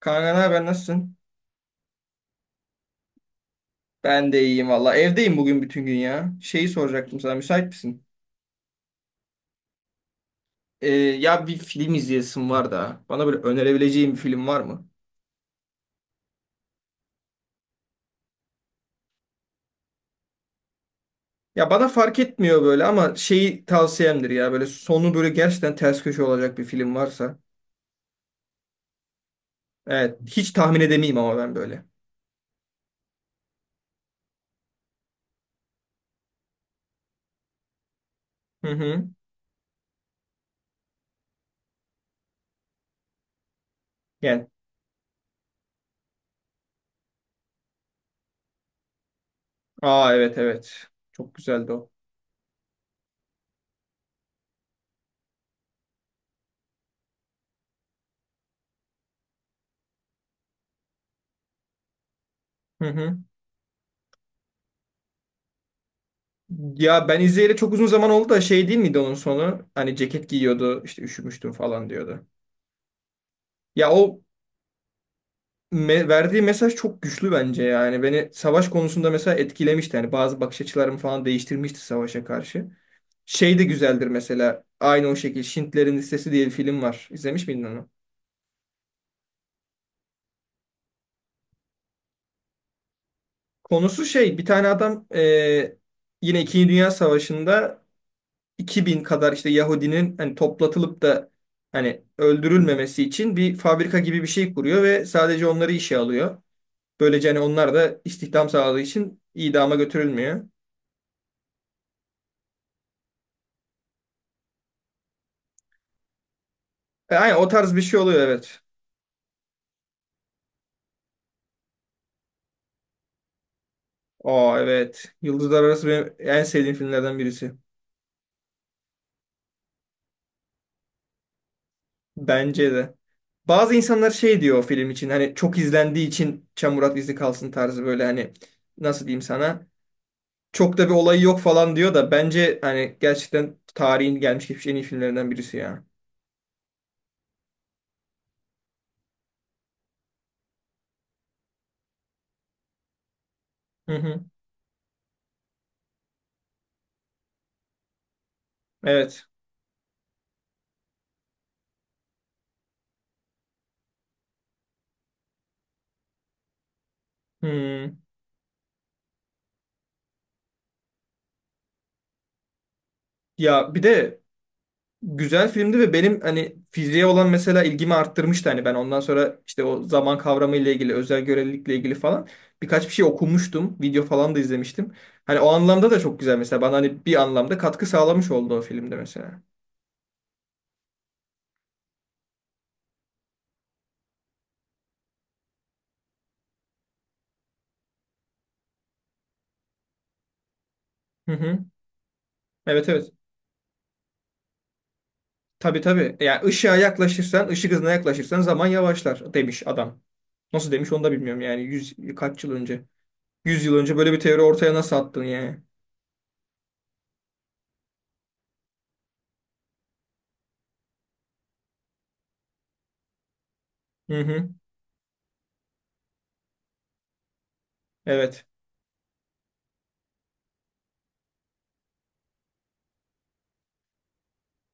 Kanka ne haber nasılsın? Ben de iyiyim valla. Evdeyim bugün bütün gün ya. Şeyi soracaktım sana müsait misin? Ya bir film izleyesim var da. Bana böyle önerebileceğin bir film var mı? Ya bana fark etmiyor böyle ama şeyi tavsiyemdir ya. Böyle sonu böyle gerçekten ters köşe olacak bir film varsa. Evet hiç tahmin edemeyim ama ben böyle. Hı hı. Yani. Aa evet, evet. Çok güzeldi o. Hı hı. Ya ben izleyeli çok uzun zaman oldu da şey değil miydi onun sonu? Hani ceket giyiyordu işte üşümüştüm falan diyordu. Ya o verdiği mesaj çok güçlü bence yani. Beni savaş konusunda mesela etkilemişti. Yani bazı bakış açılarımı falan değiştirmişti savaşa karşı. Şey de güzeldir mesela. Aynı o şekilde Schindler'in Listesi diye bir film var. İzlemiş miydin onu? Konusu şey, bir tane adam yine İkinci Dünya Savaşı'nda 2000 kadar işte Yahudinin hani toplatılıp da hani öldürülmemesi için bir fabrika gibi bir şey kuruyor ve sadece onları işe alıyor. Böylece hani onlar da istihdam sağladığı için idama götürülmüyor. E, aynen o tarz bir şey oluyor, evet. Aa evet. Yıldızlar Arası benim en sevdiğim filmlerden birisi. Bence de. Bazı insanlar şey diyor o film için, hani çok izlendiği için çamurat izi kalsın tarzı, böyle hani nasıl diyeyim sana, çok da bir olayı yok falan diyor da bence hani gerçekten tarihin gelmiş geçmiş en iyi filmlerinden birisi ya. Hı hı. Evet. Hmm. Ya bir de güzel filmdi ve benim hani fiziğe olan mesela ilgimi arttırmıştı. Hani ben ondan sonra işte o zaman kavramı ile ilgili, özel görelilikle ilgili falan birkaç bir şey okumuştum. Video falan da izlemiştim. Hani o anlamda da çok güzel mesela. Bana hani bir anlamda katkı sağlamış oldu o filmde mesela. Hı hı. Evet, evet. Tabii, tabii. Yani ışığa yaklaşırsan, ışık hızına yaklaşırsan zaman yavaşlar demiş adam. Nasıl demiş onu da bilmiyorum yani. Kaç yıl önce? 100 yıl önce böyle bir teori ortaya nasıl attın yani? Hı hı. Evet.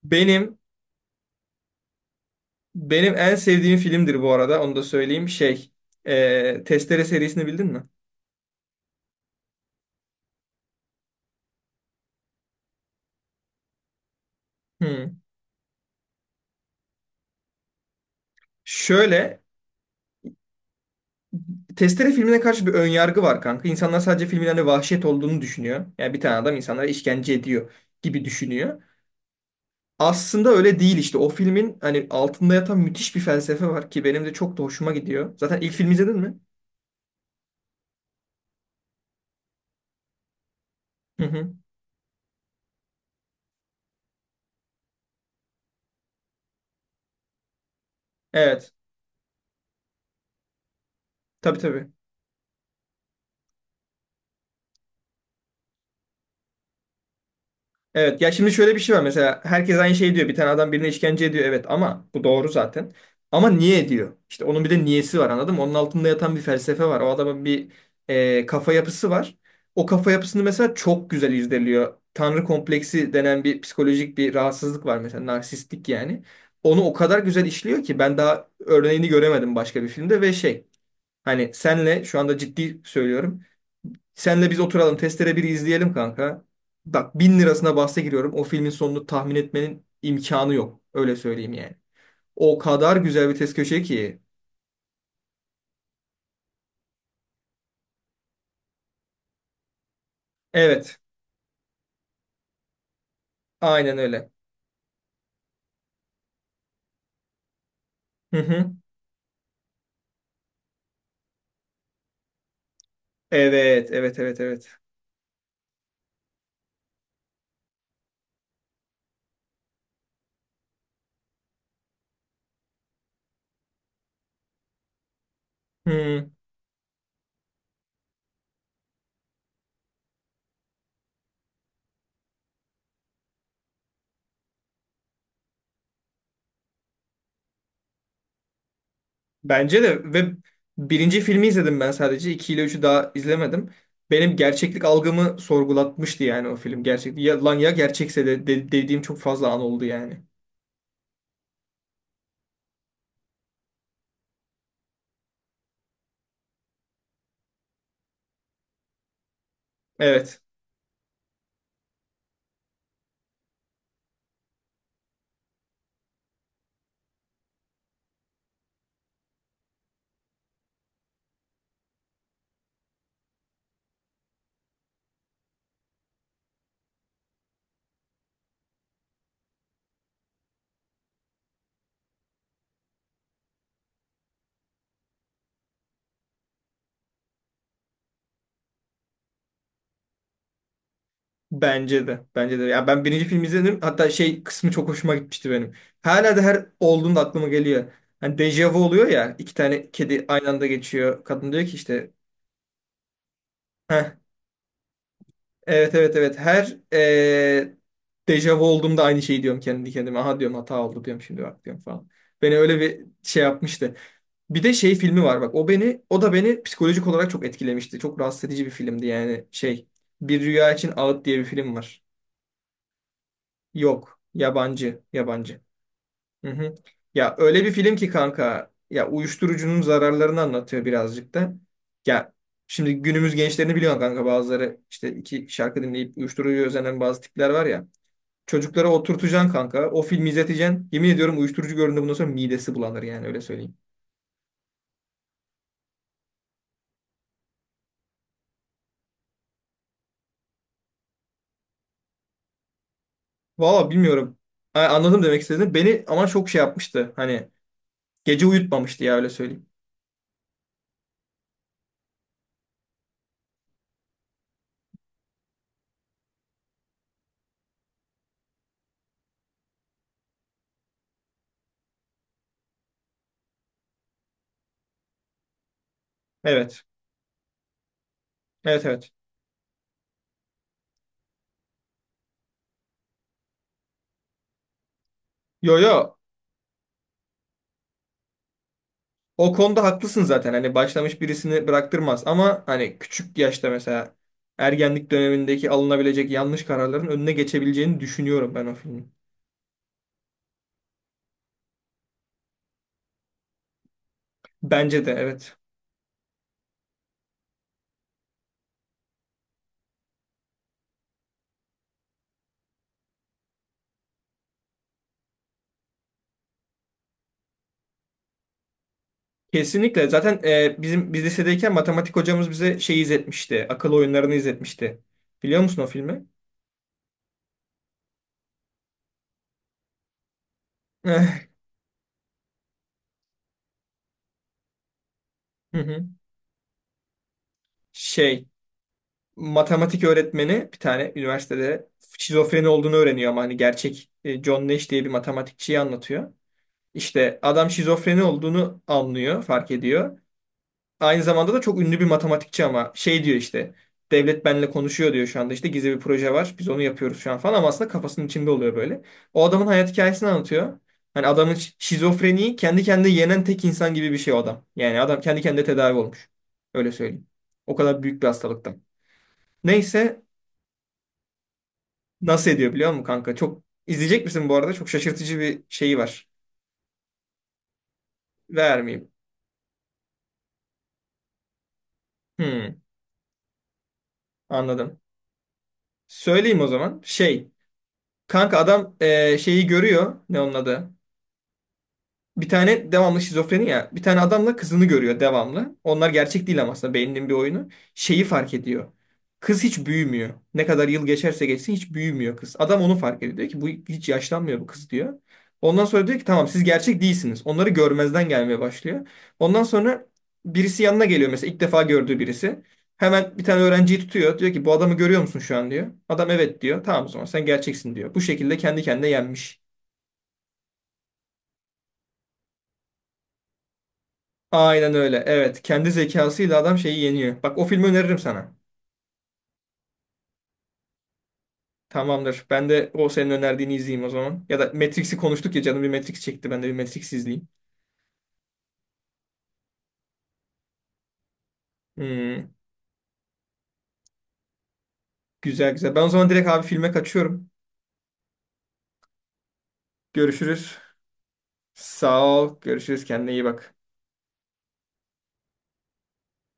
Benim Benim en sevdiğim filmdir bu arada. Onu da söyleyeyim. Şey, Testere serisini bildin mi? Hmm. Şöyle, Testere filmine karşı bir önyargı var kanka. İnsanlar sadece filmin hani vahşet olduğunu düşünüyor. Yani bir tane adam insanlara işkence ediyor gibi düşünüyor. Aslında öyle değil işte. O filmin hani altında yatan müthiş bir felsefe var ki benim de çok da hoşuma gidiyor. Zaten ilk filmi izledin mi? Hı hı. Evet. Tabii, tabii. Evet, ya şimdi şöyle bir şey var mesela, herkes aynı şeyi diyor, bir tane adam birine işkence ediyor, evet ama bu doğru zaten. Ama niye ediyor işte, onun bir de niyesi var, anladın mı? Onun altında yatan bir felsefe var, o adamın bir kafa yapısı var. O kafa yapısını mesela çok güzel irdeliyor. Tanrı kompleksi denen bir psikolojik bir rahatsızlık var mesela, narsistlik yani. Onu o kadar güzel işliyor ki ben daha örneğini göremedim başka bir filmde. Ve şey, hani senle şu anda ciddi söylüyorum, senle biz oturalım Testere biri izleyelim kanka. Bak, 1.000 lirasına bahse giriyorum. O filmin sonunu tahmin etmenin imkanı yok. Öyle söyleyeyim yani. O kadar güzel bir test köşe ki. Evet. Aynen öyle. Hı hı. Evet. Evet. Evet. Evet. Hı. Bence de. Ve birinci filmi izledim ben sadece. İki ile üçü daha izlemedim. Benim gerçeklik algımı sorgulatmıştı yani o film. Gerçek, ya, lan ya gerçekse de dediğim çok fazla an oldu yani. Evet. Bence de. Bence de. Ya ben birinci film izledim. Hatta şey kısmı çok hoşuma gitmişti benim. Hala da her olduğunda aklıma geliyor. Hani dejavu oluyor ya. İki tane kedi aynı anda geçiyor. Kadın diyor ki işte. Heh, evet, evet, evet. Her dejavu olduğumda aynı şeyi diyorum kendi kendime. Aha, diyorum, hata oldu diyorum, şimdi bak diyorum falan. Beni öyle bir şey yapmıştı. Bir de şey filmi var bak. O beni, o da beni psikolojik olarak çok etkilemişti. Çok rahatsız edici bir filmdi yani şey. Bir Rüya için Ağıt diye bir film var. Yok. Yabancı. Yabancı. Hı hı. Ya öyle bir film ki kanka, ya uyuşturucunun zararlarını anlatıyor birazcık da. Ya şimdi günümüz gençlerini biliyorsun kanka, bazıları işte iki şarkı dinleyip uyuşturucuya özenen bazı tipler var ya. Çocuklara oturtacaksın kanka, o filmi izleteceksin. Yemin ediyorum uyuşturucu gördüğünde bundan sonra midesi bulanır, yani öyle söyleyeyim. Valla bilmiyorum. Ha, anladım demek istediğini. Beni ama çok şey yapmıştı. Hani gece uyutmamıştı, ya öyle söyleyeyim. Evet. Evet, evet. Yo, yo. O konuda haklısın zaten. Hani başlamış birisini bıraktırmaz ama hani küçük yaşta mesela ergenlik dönemindeki alınabilecek yanlış kararların önüne geçebileceğini düşünüyorum ben o filmin. Bence de evet. Kesinlikle. Zaten, e, bizim biz lisedeyken matematik hocamız bize şey izletmişti. Akıl Oyunları'nı izletmişti. Biliyor musun o filmi? Eh. Hı hı. Şey, matematik öğretmeni bir tane, üniversitede şizofreni olduğunu öğreniyor ama hani gerçek, John Nash diye bir matematikçiyi anlatıyor. İşte adam şizofreni olduğunu anlıyor, fark ediyor. Aynı zamanda da çok ünlü bir matematikçi ama şey diyor işte, devlet benimle konuşuyor diyor şu anda, işte gizli bir proje var, biz onu yapıyoruz şu an falan, ama aslında kafasının içinde oluyor böyle. O adamın hayat hikayesini anlatıyor. Hani adamın şizofreniyi kendi kendine yenen tek insan gibi bir şey o adam. Yani adam kendi kendine tedavi olmuş. Öyle söyleyeyim. O kadar büyük bir hastalıktan. Neyse, nasıl ediyor biliyor musun kanka? Çok izleyecek misin bu arada? Çok şaşırtıcı bir şeyi var. Vermeyeyim. Hmm, anladım. Söyleyeyim o zaman. Şey. Kanka adam şeyi görüyor. Ne onun adı? Bir tane, devamlı şizofreni ya. Bir tane adamla kızını görüyor devamlı. Onlar gerçek değil ama aslında beyninin bir oyunu. Şeyi fark ediyor. Kız hiç büyümüyor. Ne kadar yıl geçerse geçsin hiç büyümüyor kız. Adam onu fark ediyor. Diyor ki bu hiç yaşlanmıyor bu kız diyor. Ondan sonra diyor ki tamam, siz gerçek değilsiniz. Onları görmezden gelmeye başlıyor. Ondan sonra birisi yanına geliyor mesela, ilk defa gördüğü birisi. Hemen bir tane öğrenciyi tutuyor. Diyor ki bu adamı görüyor musun şu an diyor. Adam evet diyor. Tamam, o zaman sen gerçeksin diyor. Bu şekilde kendi kendine yenmiş. Aynen öyle. Evet. Kendi zekasıyla adam şeyi yeniyor. Bak, o filmi öneririm sana. Tamamdır. Ben de o senin önerdiğini izleyeyim o zaman. Ya da Matrix'i konuştuk ya, canım bir Matrix çekti. Ben de bir Matrix izleyeyim. Hmm, güzel, güzel. Ben o zaman direkt abi filme kaçıyorum. Görüşürüz. Sağ ol. Görüşürüz. Kendine iyi bak.